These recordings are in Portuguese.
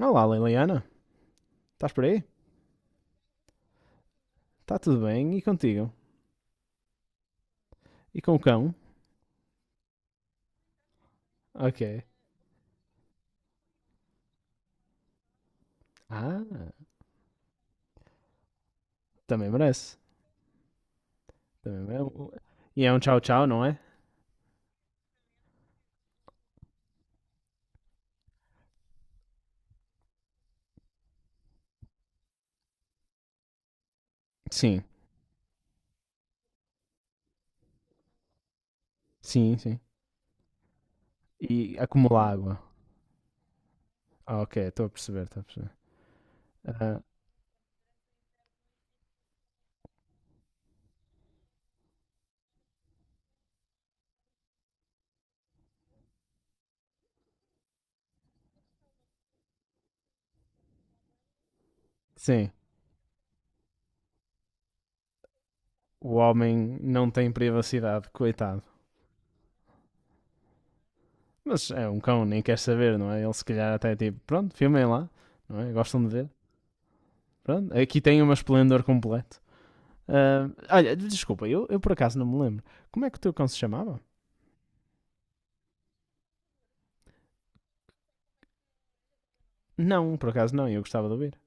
Olá, Liliana. Estás por aí? Está tudo bem? E contigo? E com o cão? Ok. Ah, também merece. Também merece. E é um tchau-tchau, não é? Sim. Sim, sim. E acumula água. Ah, ok. Estou a perceber, estou a perceber. Ah, sim. O homem não tem privacidade, coitado. Mas é um cão, nem quer saber, não é? Ele se calhar até é tipo, pronto, filmem lá, não é? Gostam de ver. Pronto, aqui tem uma esplendor completo. Ah, olha, desculpa, eu por acaso não me lembro. Como é que o teu cão se chamava? Não, por acaso não, eu gostava de ouvir.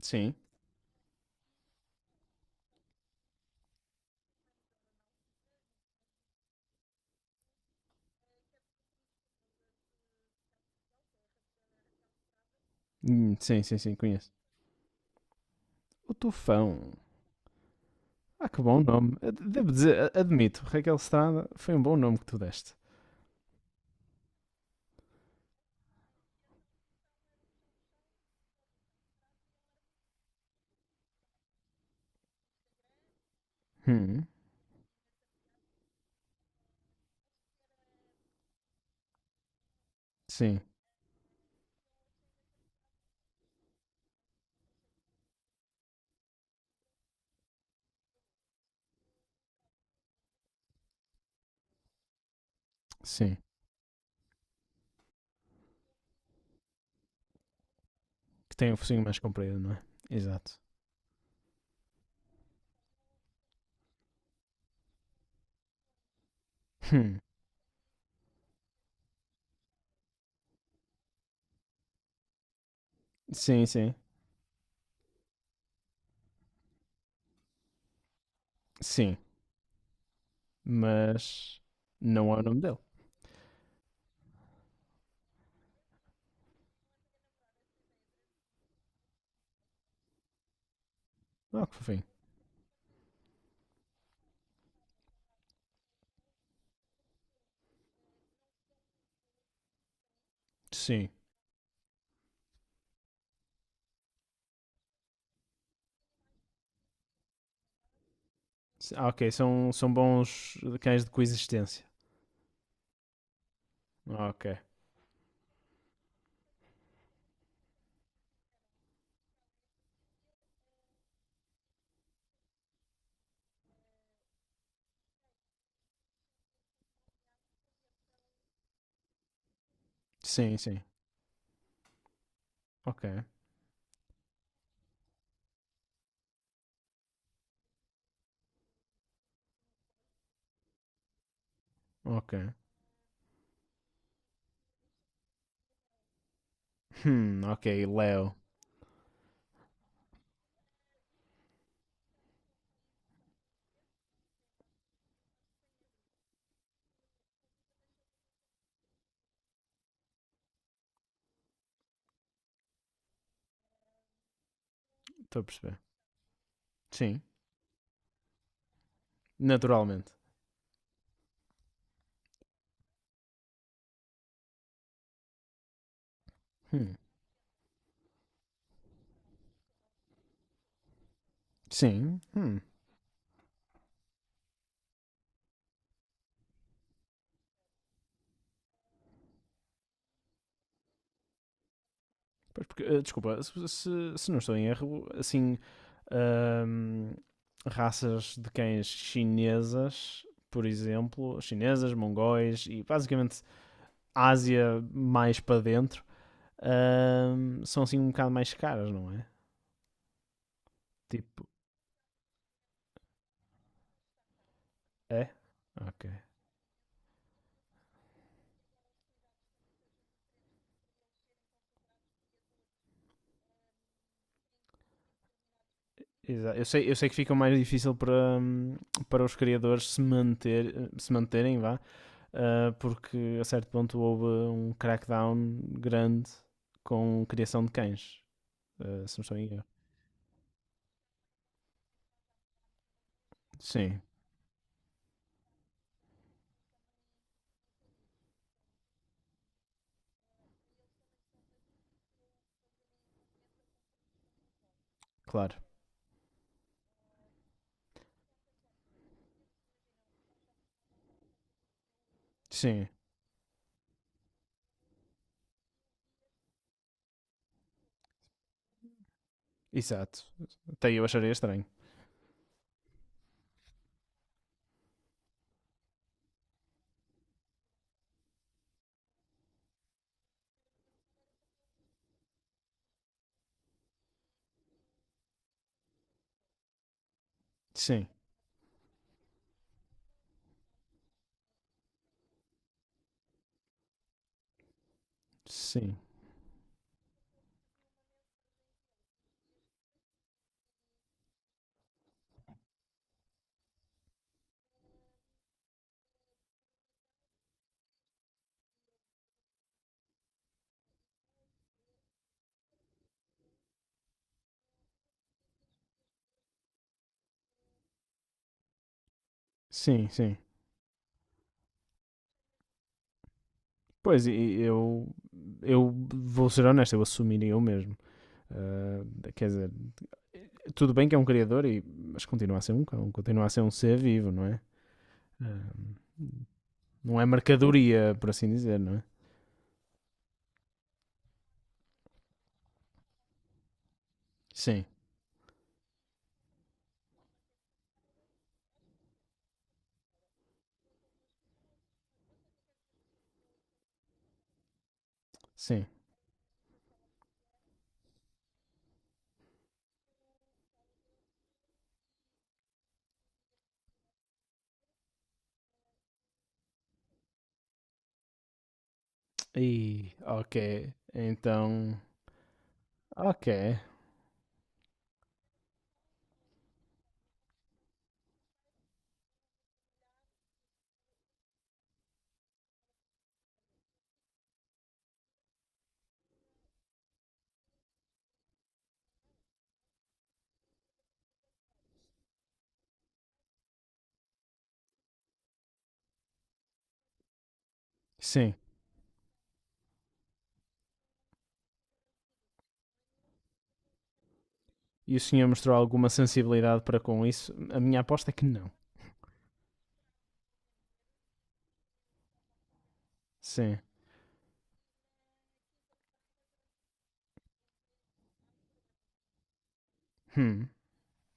Sim. Sim, sim, sim, conheço. O Tufão. Ah, que bom nome. Devo dizer, admito, Raquel Estrada foi um bom nome que tu deste. Hum, sim, sim. Que tem o focinho mais comprido, não é? Exato. Hum, sim, sim, sim. Mas não é o nome dele. Ah, que fofinho. Sim. Ah, ok, são bons cães de coexistência. Ah, ok. Sim, sim. Ok, ok. Ok, léo. Estou a perceber. Sim. Naturalmente. Hum, Sim. Hum. Porque, desculpa, se não estou em erro, assim, ahm, raças de cães chinesas, por exemplo, chinesas, mongóis e basicamente Ásia mais para dentro, são assim um bocado mais caras, não é? Tipo, é? Ok. Eu sei que fica mais difícil para, hum, para os criadores se, manter, se manterem, vá, porque a certo ponto houve um crackdown grande com criação de cães, se não estou em erro. Sim, claro. Sim, exato. Até eu acharia estranho. Sim, sim, sim, sim. Pois, e eu vou ser honesto, eu assumiria eu mesmo. Ah, quer dizer, tudo bem que é um criador, mas continua a ser um cão, continua a ser um ser vivo, não é? Ah, não é mercadoria, por assim dizer, não é? Sim, sim. E, ok. Então, ok. Sim. E o senhor mostrou alguma sensibilidade para com isso? A minha aposta é que não. Sim. Hum,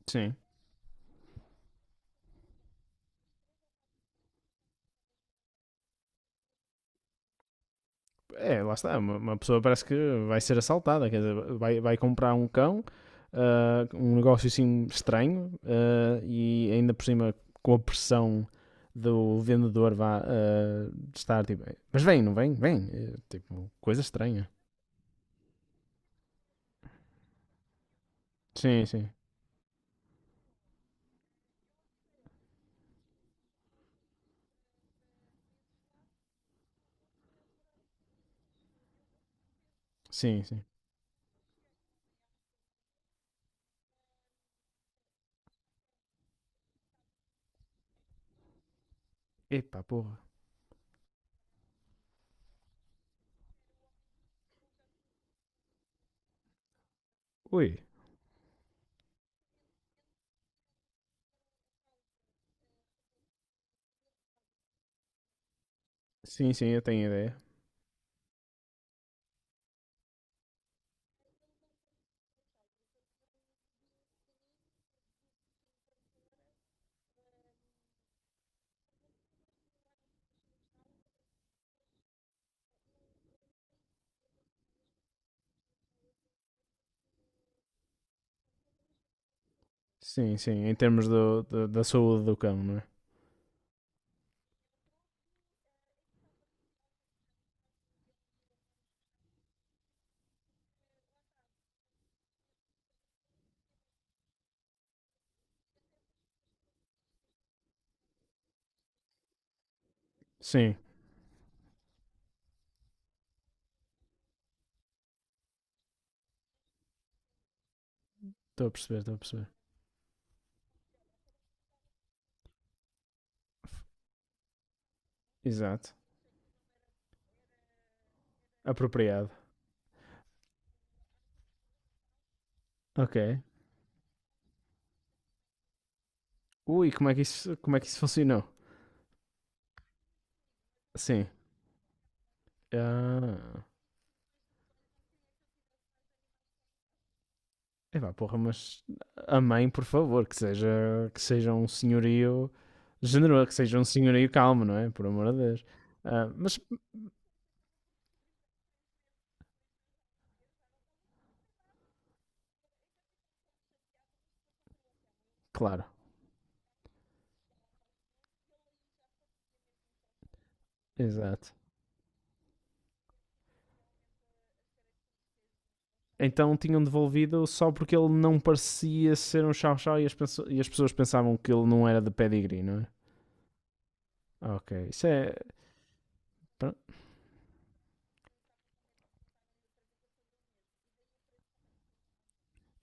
sim. É, lá está. Uma pessoa parece que vai ser assaltada. Quer dizer, vai comprar um cão, um negócio assim estranho, e ainda por cima com a pressão do vendedor vá de estar tipo, mas vem, não vem? Vem. É, tipo, coisa estranha. Sim, sim. Sim, sim. Epa, porra. Ui. Sim, sim, eu tenho ideia. Sim, sim, em termos da saúde do cão, não é? Sim, estou a perceber, estou a perceber. Exato. Apropriado. Ok. Ui, como é que isso funcionou? Sim. Ah. Epá, porra, mas a mãe, por favor, que seja um senhorio generoso, que seja um senhorio calmo, não é? Por amor de Deus. Ah, mas, claro, exato. Então tinham devolvido só porque ele não parecia ser um chau-chau e as pessoas pensavam que ele não era de pedigree, não é? Ok, isso é. Pronto,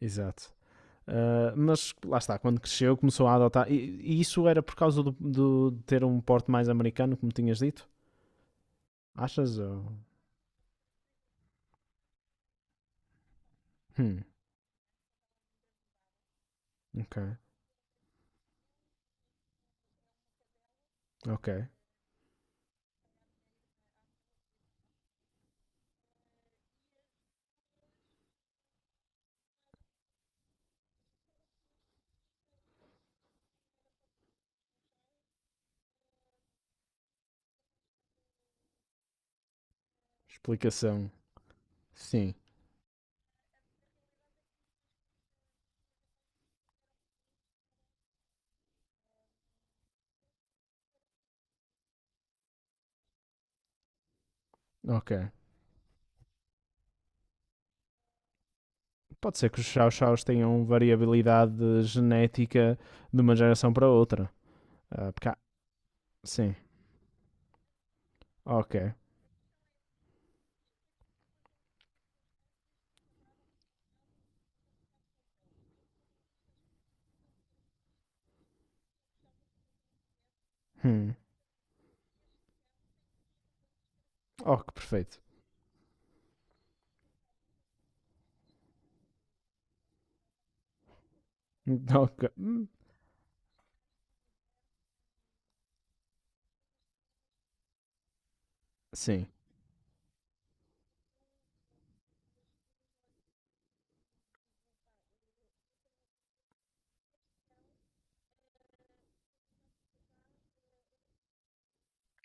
exato. Ah, mas lá está, quando cresceu começou a adotar. E isso era por causa de ter um porte mais americano, como tinhas dito? Achas? Ou... Hum, ok, ok. Explicação. Sim, ok. Pode ser que os chow-chows tenham variabilidade genética de uma geração para outra. Ah, sim, ok. Hum. Oh, que perfeito. Ok. Sim,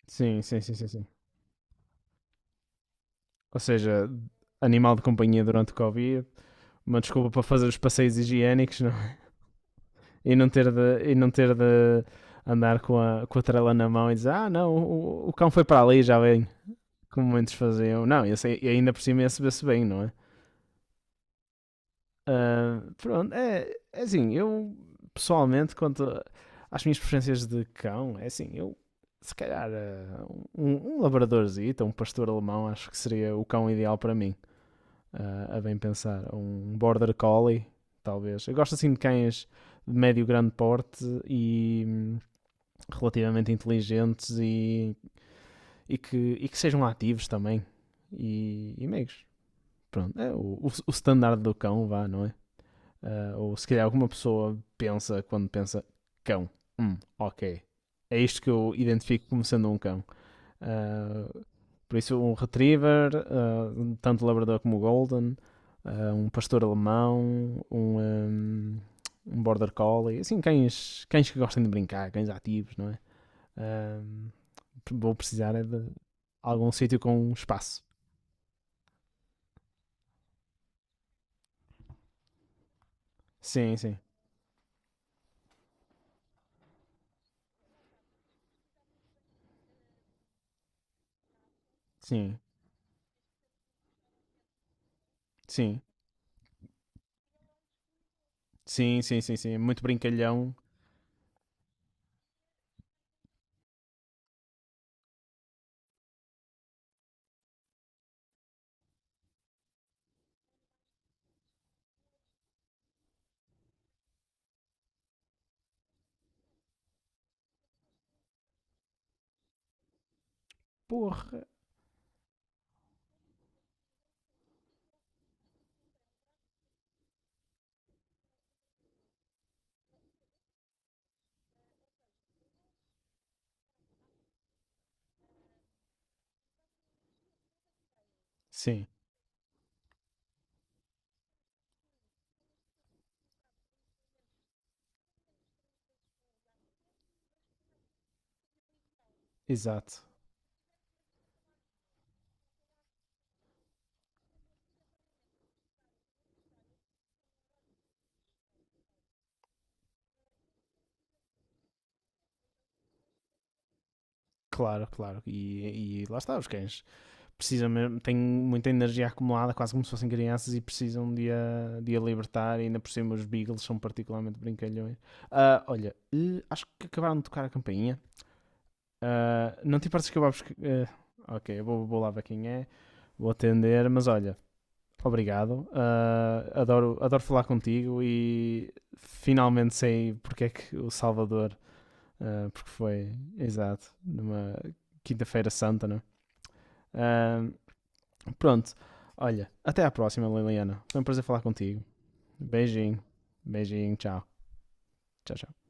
sim, sim, sim, sim, sim. Ou seja, animal de companhia durante o Covid, uma desculpa para fazer os passeios higiênicos não? é? E não ter de, e não ter de andar com a trela na mão e dizer ah não, o cão foi para ali já vem, como muitos faziam. Não, esse, e ainda por cima ia se se bem, não é? Pronto, é assim, eu pessoalmente quanto às minhas preferências de cão, é assim, eu se calhar um labradorzito, um pastor alemão, acho que seria o cão ideal para mim. A bem pensar. Um border collie, talvez. Eu gosto assim de cães de médio grande porte e relativamente inteligentes e que sejam ativos também e meigos. Pronto, é o standard do cão, vá, não é? Ah, ou se calhar alguma pessoa pensa quando pensa cão. Ok. É isto que eu identifico como sendo um cão. Ah, por isso, um retriever, tanto o labrador como o golden, um pastor alemão, um border collie, assim, cães que gostem de brincar, cães ativos, não é? Ahm, vou precisar é de algum sítio com espaço. Sim, sim, sim, sim, sim, sim, sim, sim, muito brincalhão. Porra, sim, exato. Claro, claro. E lá está, os cães precisam mesmo, têm muita energia acumulada, quase como se fossem crianças e precisam de a libertar. E ainda por cima, os Beagles são particularmente brincalhões. Ah, olha, acho que acabaram de tocar a campainha. Ah, não te importas que eu vá buscar. Ok, eu vou, lá ver quem é, vou atender, mas olha. Obrigado, ah, adoro, adoro falar contigo e finalmente sei porque é que o Salvador, porque foi, exato, numa quinta-feira santa, não é? Ah, pronto. Olha, até à próxima, Liliana. Foi um prazer falar contigo. Beijinho. Beijinho. Tchau. Tchau, tchau.